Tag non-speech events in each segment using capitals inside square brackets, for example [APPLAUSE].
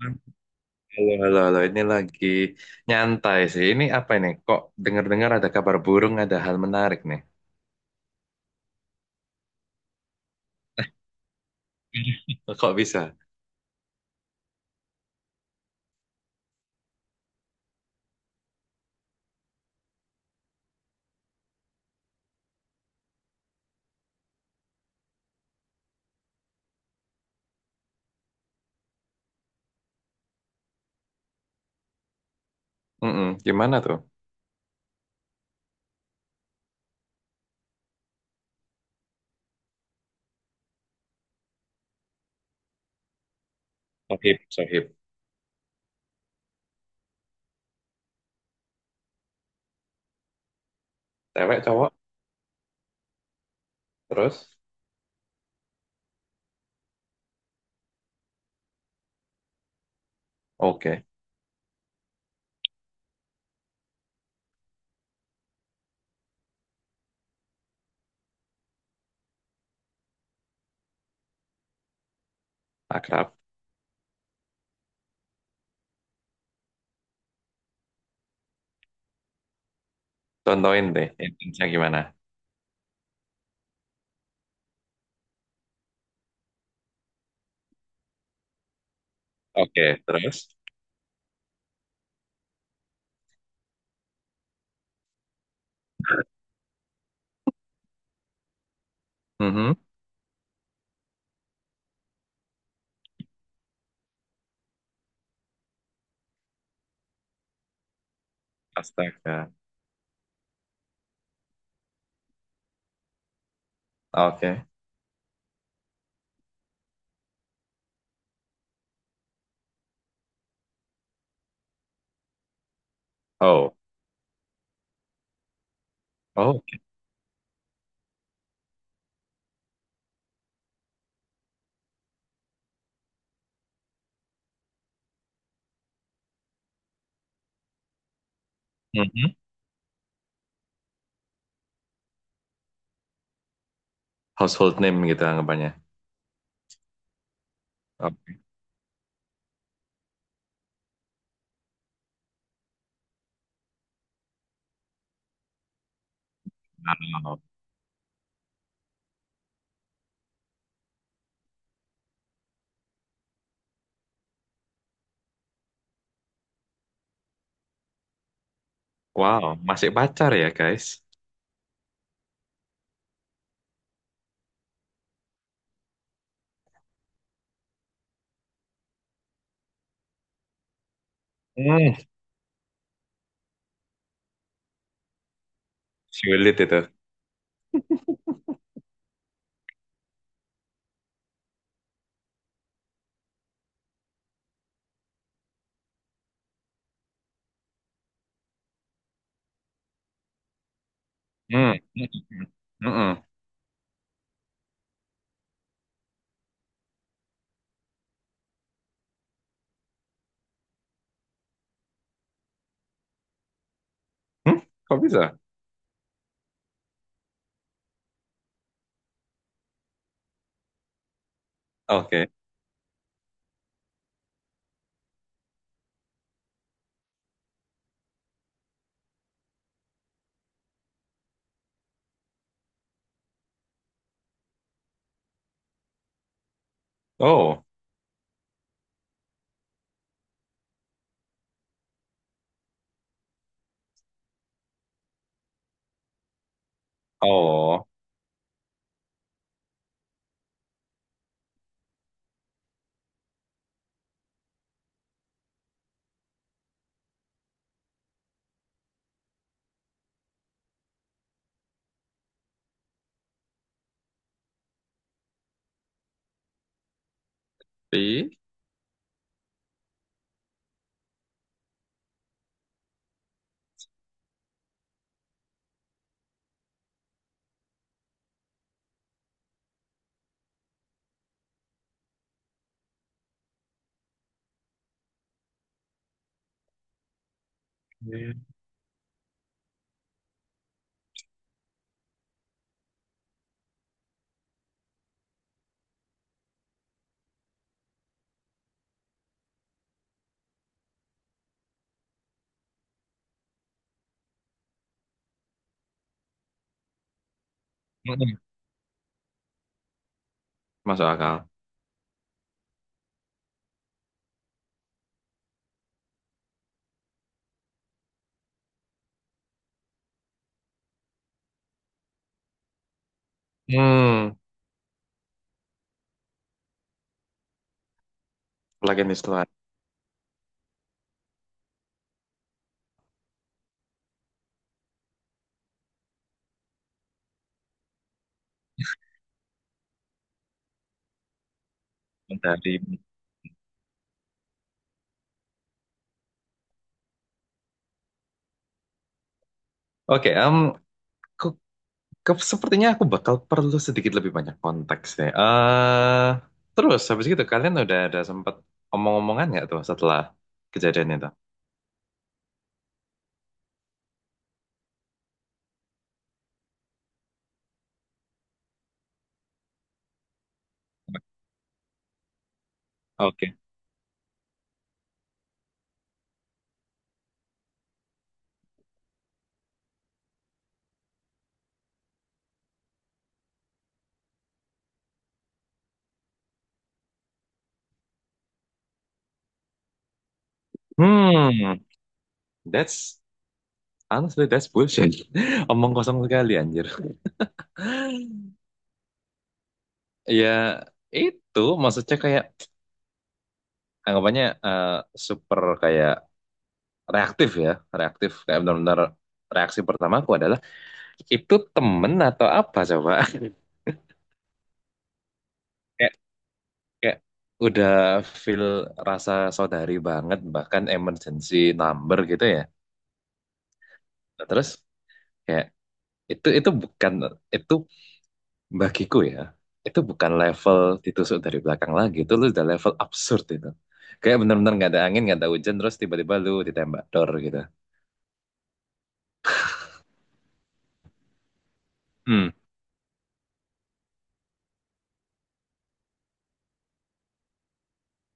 Halo, halo, halo. Ini lagi nyantai sih. Ini apa ini? Kok dengar-dengar ada kabar burung, ada hal menarik nih. [LAUGHS] Kok bisa? Mm-mm. Gimana tuh? Sohib, sohib. Cewek, cowok, terus? Oke, akrab. Contohin deh, intinya gimana? Oke, terus? Mhm. Astaga. Oke. Oh, oh. Mhm. Household name gitu anggapannya. Oke. Wow. Wow, masih pacar ya, guys? Hmm, sulit itu. Hmm. Mm-mm. Hmm? Kok bisa? Oke. Oh, oh, pi- Mm-mm. Masuk akal. Hmm, lagi nih setelah dari. Oke, ku- sepertinya aku bakal perlu sedikit lebih banyak konteks nih. Terus habis gitu kalian udah ada sempat omong-omongan nggak tuh setelah kejadian itu? Oke. Hmm, that's honestly that's bullshit. [LAUGHS] Omong kosong sekali anjir. Ya itu maksudnya kayak anggapannya super kayak reaktif ya, reaktif kayak benar-benar reaksi pertamaku adalah itu temen atau apa coba? [LAUGHS] Kayak kayak udah feel rasa saudari banget bahkan emergency number gitu ya. Nah, terus kayak itu bukan itu bagiku ya. Itu bukan level ditusuk dari belakang lagi, itu lu udah level absurd itu. Kayak benar-benar nggak ada angin, nggak ada hujan, terus tiba-tiba lu ditembak dor gitu. Hmm.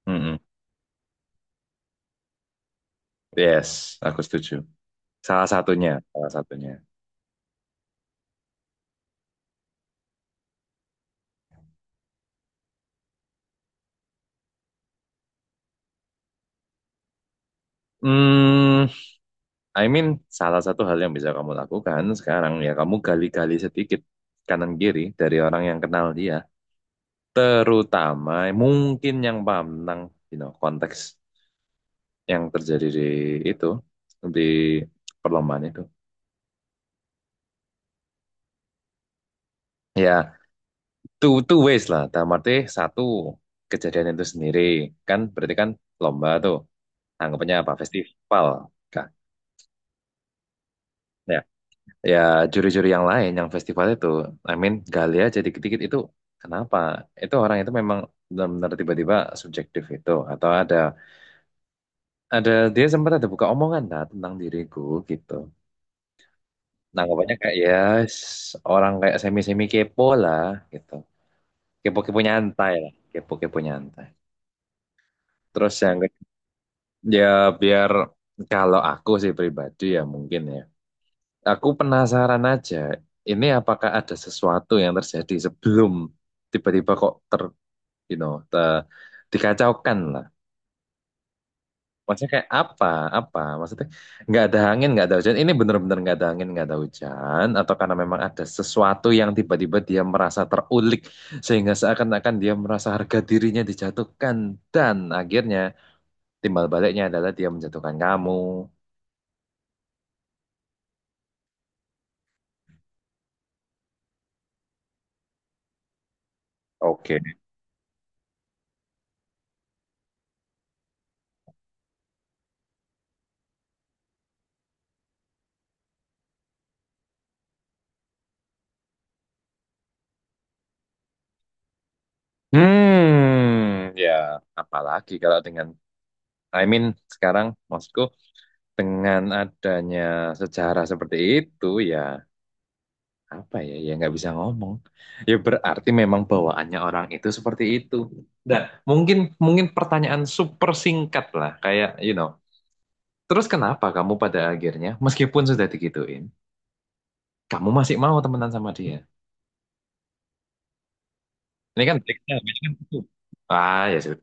Mm-mm. Yes, aku setuju. Salah satunya, salah satunya. Hmm, I mean, salah satu hal yang bisa kamu lakukan sekarang ya kamu gali-gali sedikit kanan kiri dari orang yang kenal dia, terutama mungkin yang paham tentang you know, konteks yang terjadi di itu di perlombaan itu. Ya, two ways lah. Dalam arti satu kejadian itu sendiri kan berarti kan lomba tuh anggapannya apa festival kan? Ya, ya juri-juri yang lain yang festival itu I mean gali aja dikit-dikit itu kenapa itu orang itu memang benar-benar tiba-tiba subjektif itu atau ada dia sempat ada buka omongan lah tentang diriku gitu nanggapannya kayak ya orang kayak semi-semi kepo lah gitu kepo-kepo nyantai lah kepo-kepo nyantai terus yang ya biar kalau aku sih pribadi ya mungkin ya aku penasaran aja, ini apakah ada sesuatu yang terjadi sebelum tiba-tiba kok ter, you know, te- dikacaukan lah. Maksudnya kayak apa, apa? Maksudnya nggak ada angin, nggak ada hujan. Ini bener-bener nggak ada angin, nggak ada hujan, atau karena memang ada sesuatu yang tiba-tiba dia merasa terulik sehingga seakan-akan dia merasa harga dirinya dijatuhkan dan akhirnya timbal baliknya adalah dia menjatuhkan kamu. Oke. Ya, apalagi kalau dengan I mean sekarang maksudku dengan adanya sejarah seperti itu, ya apa ya, ya nggak bisa ngomong ya berarti memang bawaannya orang itu seperti itu. Dan mungkin mungkin pertanyaan super singkat lah kayak you know, terus kenapa kamu pada akhirnya meskipun sudah digituin kamu masih mau temenan sama dia. Ini kan triknya habis kan itu, ah ya sudah.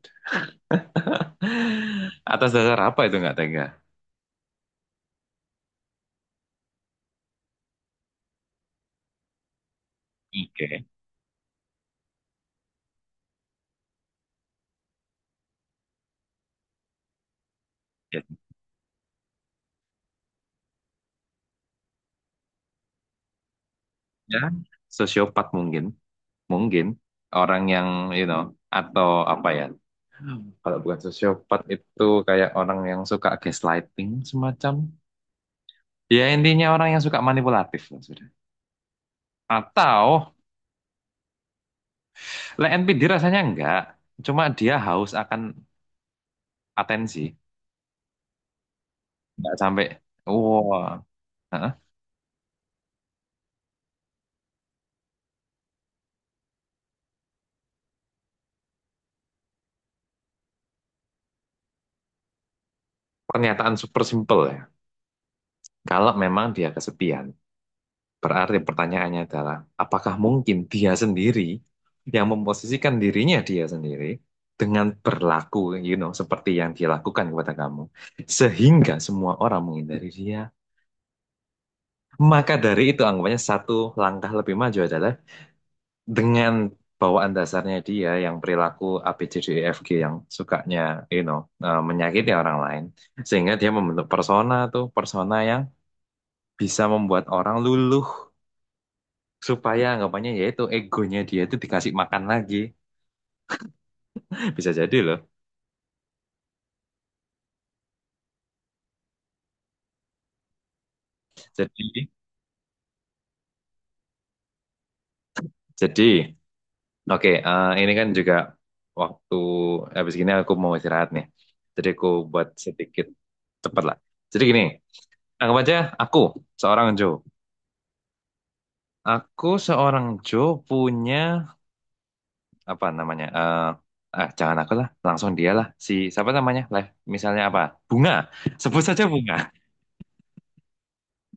[LAUGHS] Atas dasar apa itu nggak tega? Oke, ya, ya, sosiopat mungkin, mungkin orang yang you know, atau apa ya, kalau bukan sosiopat itu kayak orang yang suka gaslighting, semacam ya intinya orang yang suka manipulatif lah sudah. Atau like NPD? Rasanya enggak, cuma dia haus akan atensi, enggak sampai wah. Hah? Pernyataan super simple ya, kalau memang dia kesepian, berarti pertanyaannya adalah, apakah mungkin dia sendiri yang memposisikan dirinya dia sendiri dengan berlaku, seperti yang dia lakukan kepada kamu, sehingga semua orang menghindari dia. Maka dari itu anggapannya satu langkah lebih maju adalah dengan bawaan dasarnya dia, yang perilaku ABCDEFG, yang sukanya, you know, menyakiti orang lain, sehingga dia membentuk persona tuh, persona yang bisa membuat orang luluh, supaya anggapannya yaitu egonya dia itu dikasih makan lagi. Bisa jadi loh. Jadi jadi oke, ini kan juga waktu habis gini aku mau istirahat nih, jadi aku buat sedikit cepat lah. Jadi gini, anggap aja aku seorang Joe aku seorang Joe punya apa namanya, ah jangan aku lah, langsung dia lah, si siapa namanya lah, misalnya apa, bunga, sebut saja bunga.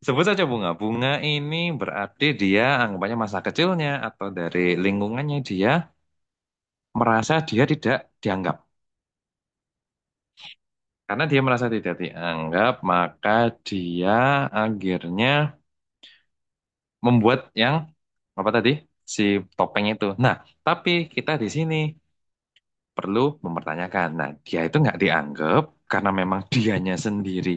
Sebut saja bunga. Bunga ini berarti dia anggapannya masa kecilnya atau dari lingkungannya dia merasa dia tidak dianggap. Karena dia merasa tidak dianggap, maka dia akhirnya membuat yang apa tadi? Si topeng itu. Nah, tapi kita di sini perlu mempertanyakan. Nah, dia itu nggak dianggap karena memang dianya sendiri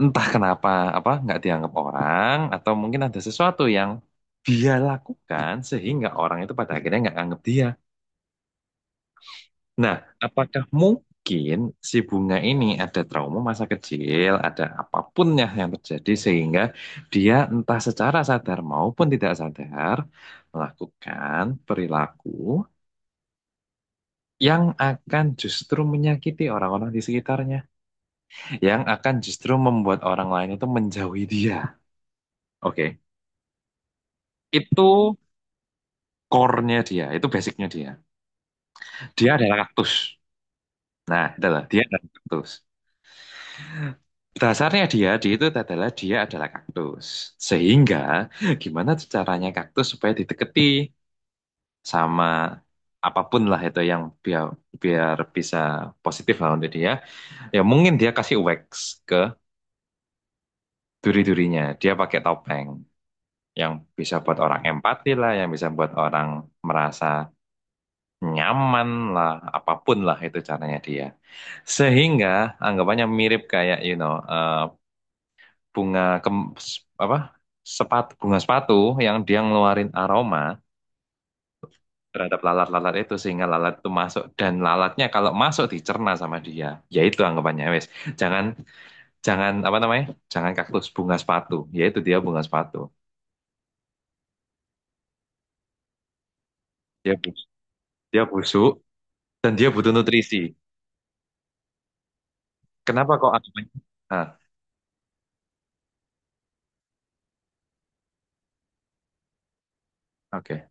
entah kenapa, apa nggak dianggap orang atau mungkin ada sesuatu yang dia lakukan sehingga orang itu pada akhirnya nggak anggap dia. Nah, apakah mungkin si bunga ini ada trauma masa kecil, ada apapun ya yang terjadi sehingga dia entah secara sadar maupun tidak sadar melakukan perilaku yang akan justru menyakiti orang-orang di sekitarnya, yang akan justru membuat orang lain itu menjauhi dia. Oke, itu core-nya dia, itu basicnya dia. Dia adalah kaktus. Nah, dia adalah kaktus. Dasarnya dia, itu adalah kaktus. Sehingga gimana caranya kaktus supaya dideketi sama apapun lah, itu yang biar biar bisa positif lah untuk dia. Ya mungkin dia kasih wax ke duri-durinya. Dia pakai topeng yang bisa buat orang empati lah, yang bisa buat orang merasa nyaman lah, apapun lah itu caranya dia. Sehingga anggapannya mirip kayak bunga s- apa, sepatu, bunga sepatu yang dia ngeluarin aroma terhadap lalat-lalat itu sehingga lalat itu masuk, dan lalatnya kalau masuk dicerna sama dia. Yaitu anggapannya wes, jangan, jangan apa namanya, jangan kaktus, bunga sepatu, yaitu dia bunga sepatu, dia bu- dia busuk dan dia butuh nutrisi. Kenapa kok anggapannya ah oke